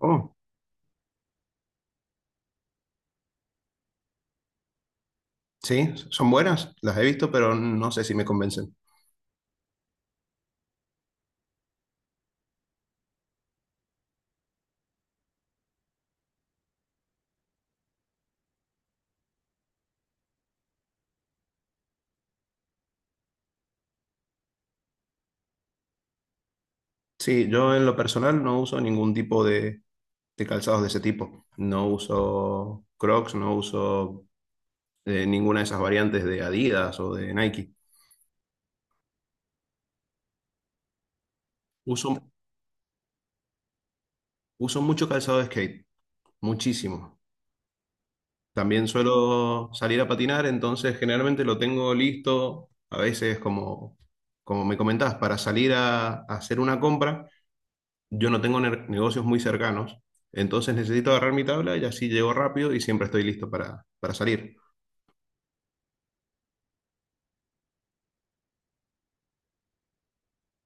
Oh, sí, son buenas, las he visto, pero no sé si me convencen. Sí, yo en lo personal no uso ningún tipo de calzados de ese tipo. No uso Crocs, no uso ninguna de esas variantes de Adidas o de Nike. Uso, uso mucho calzado de skate, muchísimo. También suelo salir a patinar, entonces generalmente lo tengo listo, a veces como me comentás, para salir a hacer una compra. Yo no tengo negocios muy cercanos, entonces necesito agarrar mi tabla y así llego rápido y siempre estoy listo para salir.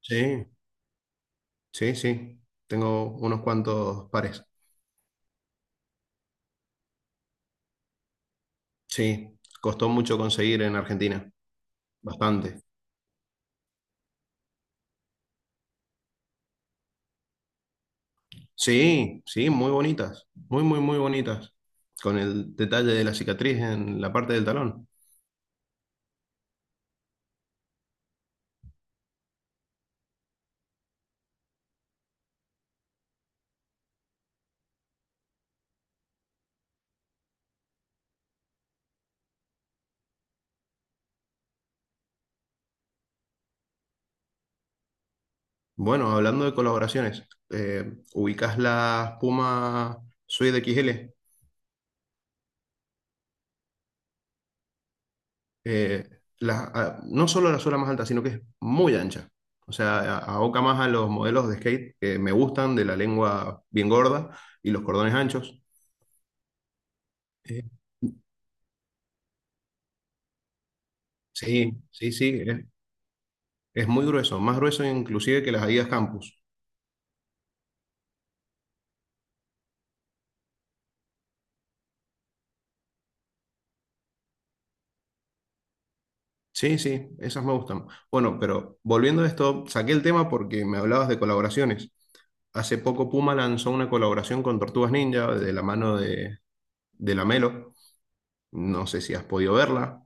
Sí, sí, sí. Tengo unos cuantos pares. Sí, costó mucho conseguir en Argentina, bastante. Sí, sí, muy bonitas, muy, muy, muy bonitas, con el detalle de la cicatriz en la parte del talón. Bueno, hablando de colaboraciones, ¿ubicás las Puma Suede XL? eh, no solo la suela más alta, sino que es muy ancha. O sea, aboca más a los modelos de skate que me gustan, de la lengua bien gorda y los cordones anchos. Eh, sí, sí, sí, es muy grueso, más grueso inclusive que las Adidas Campus. Sí, sí, esas me gustan. Bueno, pero volviendo a esto, saqué el tema porque me hablabas de colaboraciones. Hace poco Puma lanzó una colaboración con Tortugas Ninja de la mano de Lamelo. No sé si has podido verla.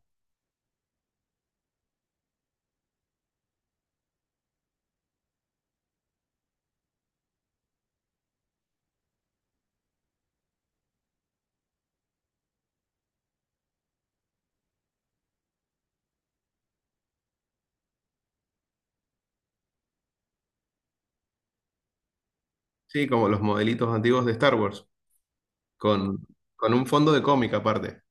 Sí, como los modelitos antiguos de Star Wars, con, con un fondo de cómic aparte.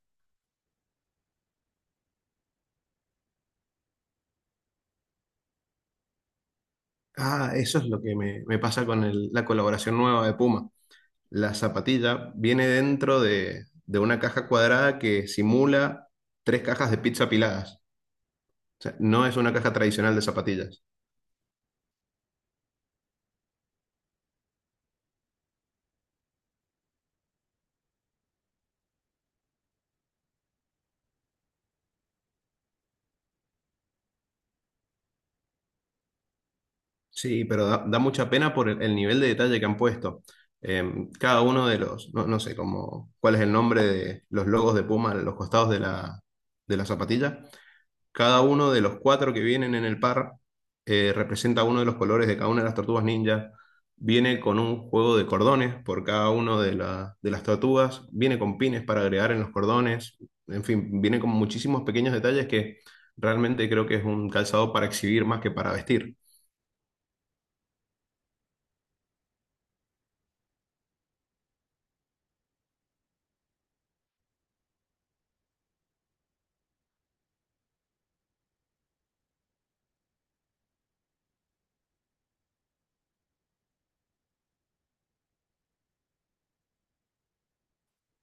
Ah, eso es lo que me pasa con la colaboración nueva de Puma. La zapatilla viene dentro de una caja cuadrada que simula tres cajas de pizza apiladas. O sea, no es una caja tradicional de zapatillas. Sí, pero da mucha pena por el nivel de detalle que han puesto. Cada uno de los, no sé cómo, cuál es el nombre de los logos de Puma a los costados de la zapatilla. Cada uno de los cuatro que vienen en el par representa uno de los colores de cada una de las tortugas ninja. Viene con un juego de cordones por cada uno de las tortugas. Viene con pines para agregar en los cordones. En fin, viene con muchísimos pequeños detalles que realmente creo que es un calzado para exhibir más que para vestir.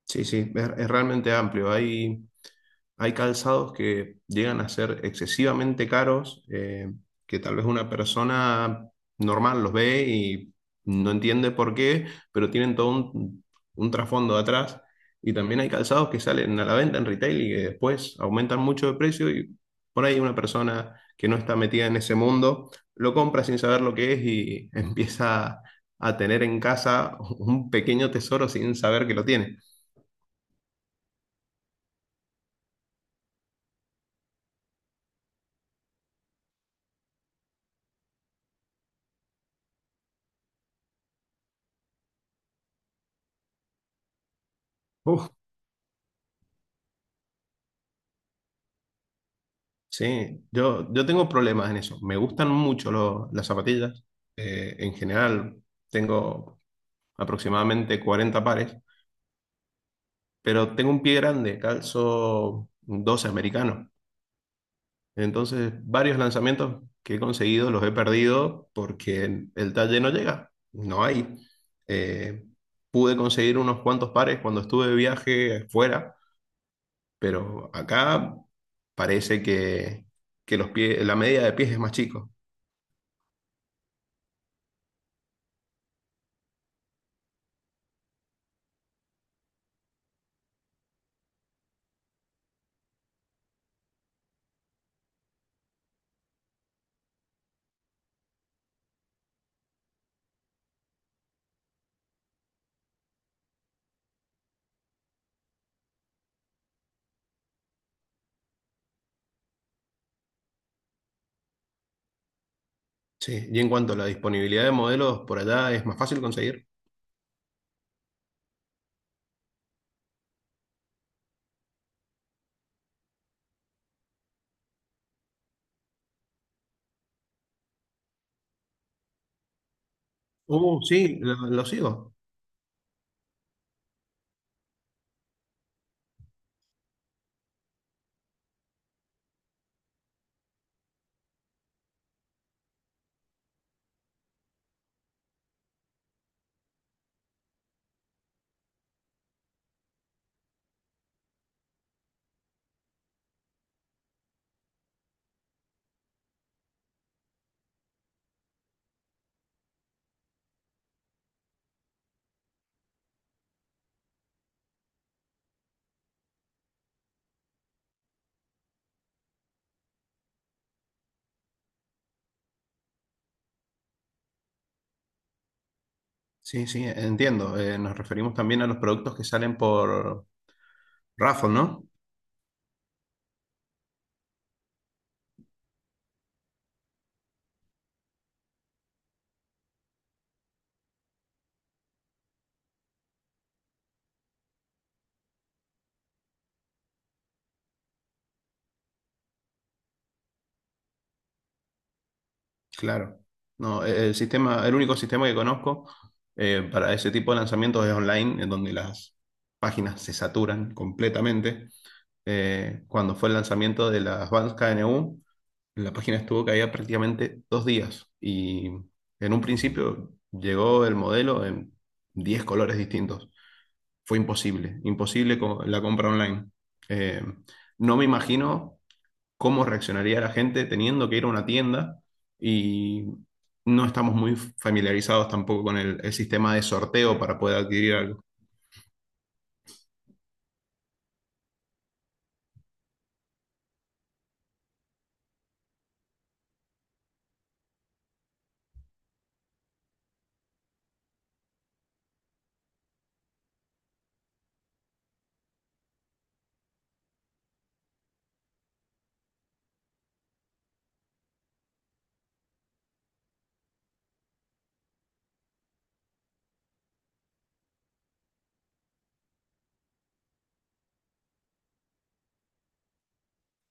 Sí, sí, es realmente amplio. Hay calzados que llegan a ser excesivamente caros, que tal vez una persona normal los ve y no entiende por qué, pero tienen todo un trasfondo atrás. Y también hay calzados que salen a la venta en retail y que después aumentan mucho de precio y por ahí una persona que no está metida en ese mundo lo compra sin saber lo que es y empieza a tener en casa un pequeño tesoro sin saber que lo tiene. Uf, sí, yo tengo problemas en eso. Me gustan mucho las zapatillas. En general tengo aproximadamente 40 pares, pero tengo un pie grande, calzo 12 americano. Entonces, varios lanzamientos que he conseguido los he perdido porque el talle no llega, no hay. Eh, Pude conseguir unos cuantos pares cuando estuve de viaje fuera, pero acá parece que los pies, la media de pies es más chico. Sí, ¿y en cuanto a la disponibilidad de modelos por allá, es más fácil conseguir? Sí, lo sigo. Sí, sí, entiendo. Nos referimos también a los productos que salen por Raffle, ¿no? Claro. No, el sistema, el único sistema que conozco para ese tipo de lanzamientos es online, en donde las páginas se saturan completamente. Cuando fue el lanzamiento de las Vans KNU, la página estuvo caída prácticamente 2 días y en un principio llegó el modelo en 10 colores distintos. Fue imposible, imposible la compra online. Eh, no me imagino cómo reaccionaría la gente teniendo que ir a una tienda y no estamos muy familiarizados tampoco con el sistema de sorteo para poder adquirir algo.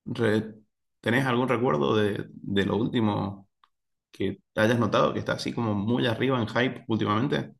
Re- ¿Tenés algún recuerdo de lo último que hayas notado que está así como muy arriba en hype últimamente?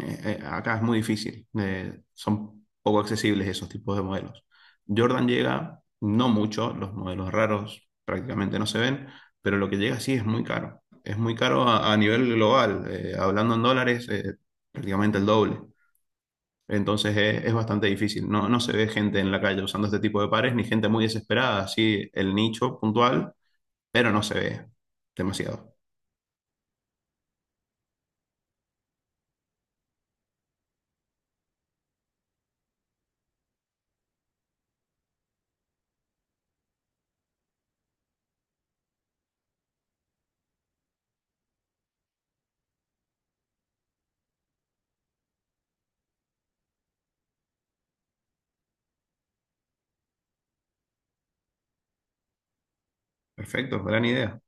Acá es muy difícil, son poco accesibles esos tipos de modelos. Jordan llega, no mucho, los modelos raros prácticamente no se ven, pero lo que llega sí es muy caro. Es muy caro a nivel global, hablando en dólares, prácticamente el doble. Entonces es bastante difícil. No, no se ve gente en la calle usando este tipo de pares, ni gente muy desesperada, así el nicho puntual, pero no se ve demasiado. Perfecto, gran idea.